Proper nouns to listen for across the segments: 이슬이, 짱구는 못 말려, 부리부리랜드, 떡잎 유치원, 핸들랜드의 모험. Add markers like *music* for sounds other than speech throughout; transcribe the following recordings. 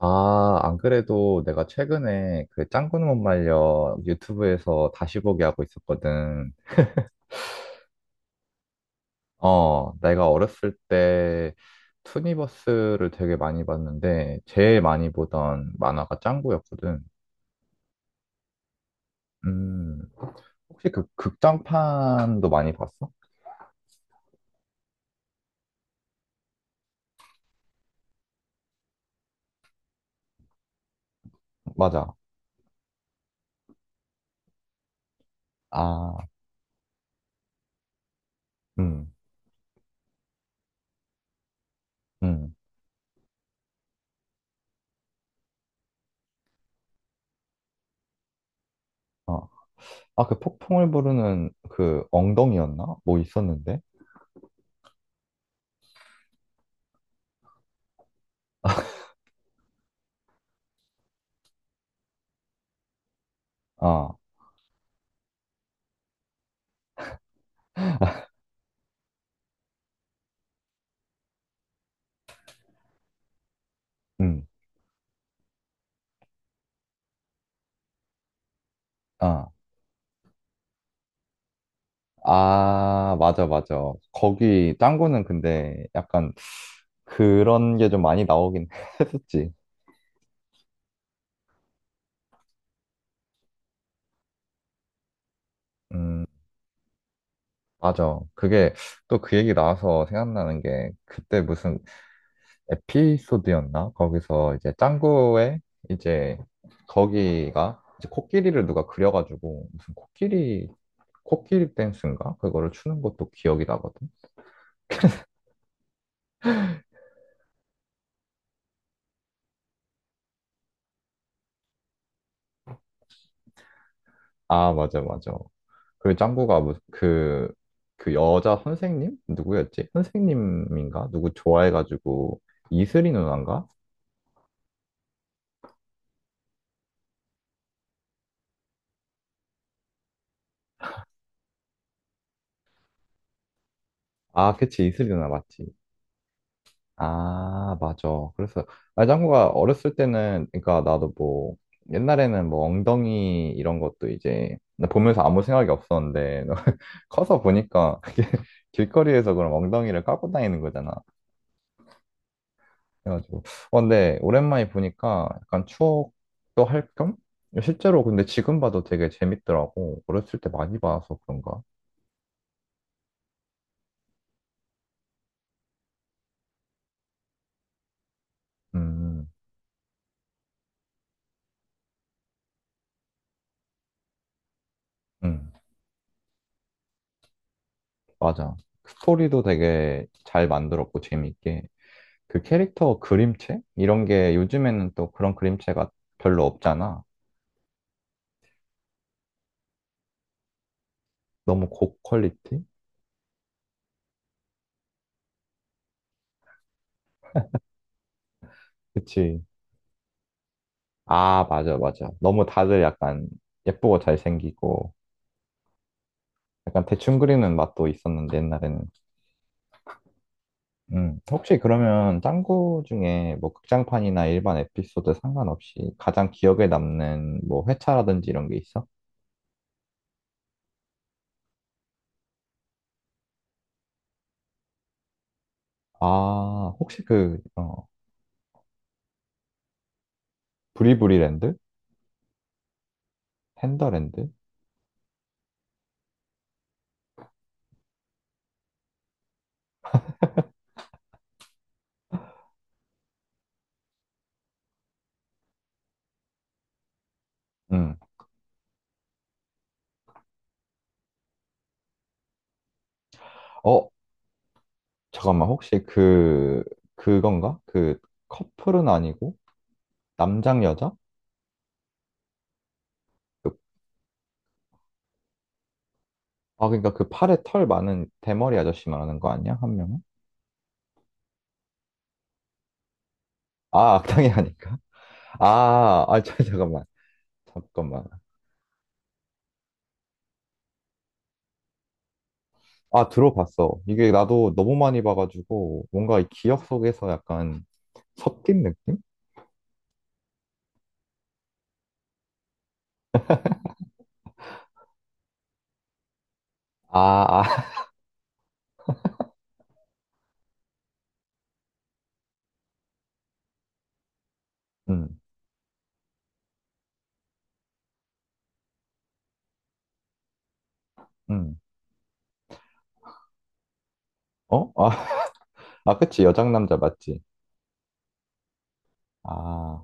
아, 안 그래도 내가 최근에 그 짱구는 못 말려 유튜브에서 다시 보기 하고 있었거든. 어, 내가 어렸을 때 투니버스를 되게 많이 봤는데 제일 많이 보던 만화가 짱구였거든. 음, 혹시 그 극장판도 많이 봤어? 맞아. 아, 음, 음, 어. 아, 그 폭풍을 부르는 그 엉덩이였나? 뭐 있었는데? 아, 음, 아. 아, 맞아, 맞아. 거기, 짱구는 근데 약간 그런 게 좀 많이 나오긴 *laughs* 했었지. 음, 맞아. 그게 또 그 얘기 나와서 생각나는 게 그때 무슨 에피소드였나? 거기서 이제 짱구의 이제 거기가 이제 코끼리를 누가 그려가지고 무슨 코끼리, 코끼리 댄스인가? 그거를 추는 것도 기억이 나거든. 아, 맞아, 맞아. 그 짱구가 뭐 그, 그 여자 선생님? 누구였지? 선생님인가? 누구 좋아해가지고 이슬이 누나인가? 아, 그치, 이슬이 누나 맞지. 아, 맞아. 그래서, 아, 짱구가 어렸을 때는, 그러니까 나도 뭐, 옛날에는 뭐 엉덩이 이런 것도 이제 나 보면서 아무 생각이 없었는데 *laughs* 커서 보니까 그게 *laughs* 길거리에서 그런 엉덩이를 까고 다니는 거잖아. 그래가지고 어 근데 오랜만에 보니까 약간 추억도 할 겸? 실제로 근데 지금 봐도 되게 재밌더라고. 어렸을 때 많이 봐서 그런가? 음, 음, 맞아. 그 스토리도 되게 잘 만들었고 재밌게. 그 캐릭터 그림체? 이런 게 요즘에는 또 그런 그림체가 별로 없잖아. 너무 고퀄리티? 그치. 아, 맞아, 맞아. 너무 다들 약간 예쁘고 잘생기고 약간 대충 그리는 맛도 있었는데 옛날에는. 혹시 그러면 짱구 중에 뭐 극장판이나 일반 에피소드 상관없이 가장 기억에 남는 뭐 회차라든지 이런 게 있어? 아, 혹시 그, 어, 부리부리랜드? 핸더랜드? 음. 어, 잠깐만, 혹시 그, 그건가? 그 커플은 아니고 남장 여자? 그- 아, 그러니까 그 팔에 털 많은 대머리 아저씨 말하는 거 아니야? 한 명은? 아, 악당이 아닐까? 아, 아, *laughs* 잠깐만, 잠깐만. 아, 들어봤어. 이게 나도 너무 많이 봐가지고 뭔가 이 기억 속에서 약간 섞인 느낌? 아, 아, *laughs* 음, 음. 어? 아, 아, 그치. 여장남자 맞지? 아,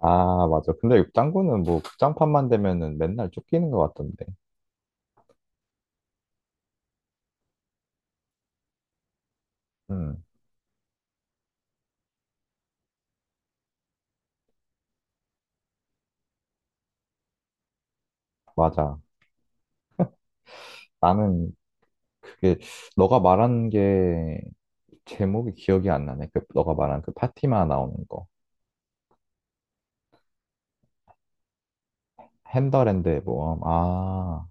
아, 맞아. 근데 짱구는 뭐 극장판만 되면은 맨날 쫓기는 것 같던데. 음, 맞아. 나는 그게 너가 말한 게 제목이 기억이 안 나네. 그 너가 말한 그 파티마 나오는 거. 핸들랜드의 모험. 아.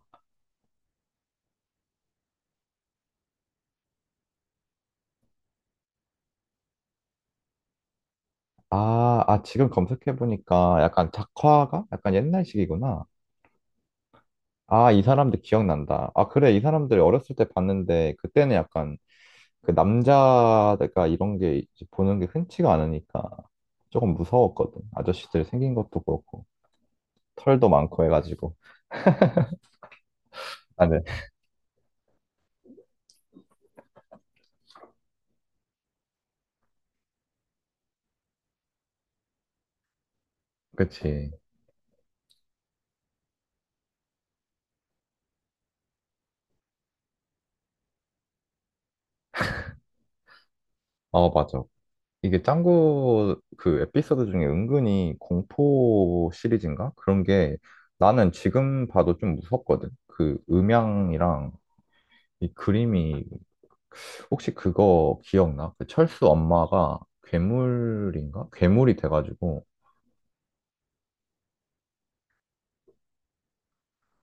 아, 아, 지금 검색해보니까 약간 작화가? 약간 옛날식이구나. 아, 이 사람들 기억난다. 아, 그래, 이 사람들 어렸을 때 봤는데, 그때는 약간 그 남자가 이런 게 이제 보는 게 흔치가 않으니까 조금 무서웠거든. 아저씨들 생긴 것도 그렇고, 털도 많고 해가지고. 아, 네. 그치. 어, 맞아. 이게 짱구 그 에피소드 중에 은근히 공포 시리즈인가? 그런 게 나는 지금 봐도 좀 무섭거든. 그 음향이랑 이 그림이 혹시 그거 기억나? 그 철수 엄마가 괴물인가? 괴물이 돼가지고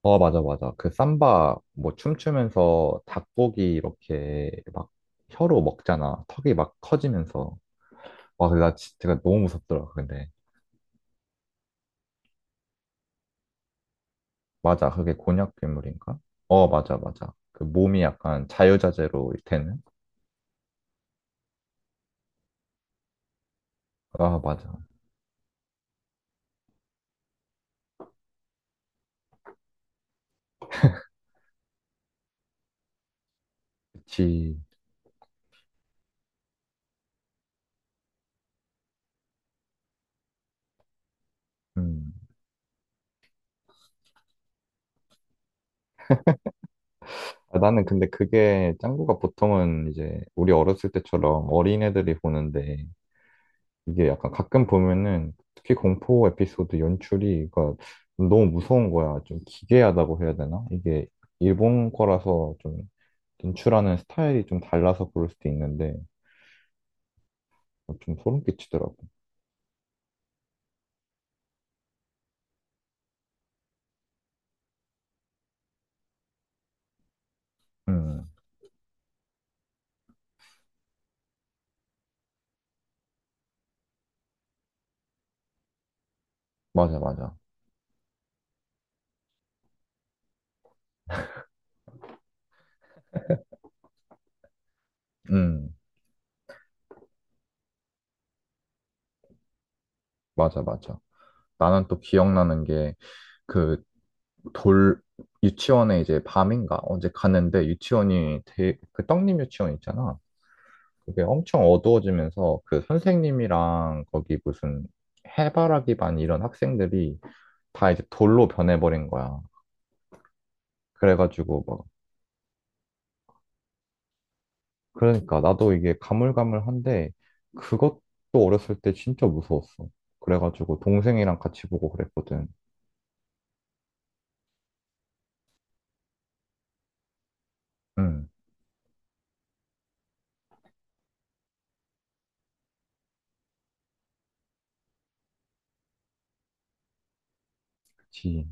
어 맞아 맞아 그 삼바 뭐 춤추면서 닭고기 이렇게 막 혀로 먹잖아 턱이 막 커지면서 와 근데 나 진짜 너무 무섭더라 근데 맞아 그게 곤약 괴물인가? 어 맞아 맞아 그 몸이 약간 자유자재로 되는 아 맞아 그치 음 아, 나는 근데 그게 짱구가 보통은 이제 우리 어렸을 때처럼 어린애들이 보는데 이게 약간 가끔 보면은 특히 공포 에피소드 연출이 그러니까 너무 무서운 거야. 좀 기괴하다고 해야 되나? 이게 일본 거라서 좀 연출하는 스타일이 좀 달라서 그럴 수도 있는데 좀 소름 끼치더라고. 음, 맞아, 맞아. 음, 맞아, 맞아. 나는 또 기억나는 게 그 돌, 유치원에 이제 밤인가 언제 갔는데 그 떡잎 유치원 있잖아. 그게 엄청 어두워지면서 그 선생님이랑 거기 무슨 해바라기 반 이런 학생들이 다 이제 돌로 변해버린 거야. 그래가지고 막 그러니까 나도 이게 가물가물한데 그것도 어렸을 때 진짜 무서웠어. 그래가지고 동생이랑 같이 보고 그랬거든. 응, 그치.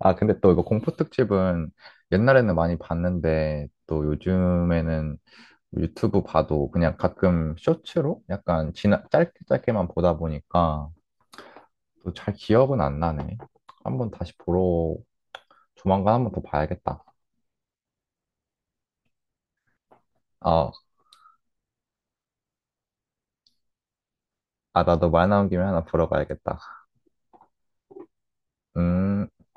아, 근데 또 이거 공포 특집은 옛날에는 많이 봤는데 또 요즘에는 유튜브 봐도 그냥 가끔 쇼츠로 약간 지나 짧게 짧게만 보다 보니까 또 잘 기억은 안 나네. 한번 다시 보러, 조만간 한번 더 봐야겠다. 어, 아, 나도 말 나온 김에 하나 보러 가야겠다. 음.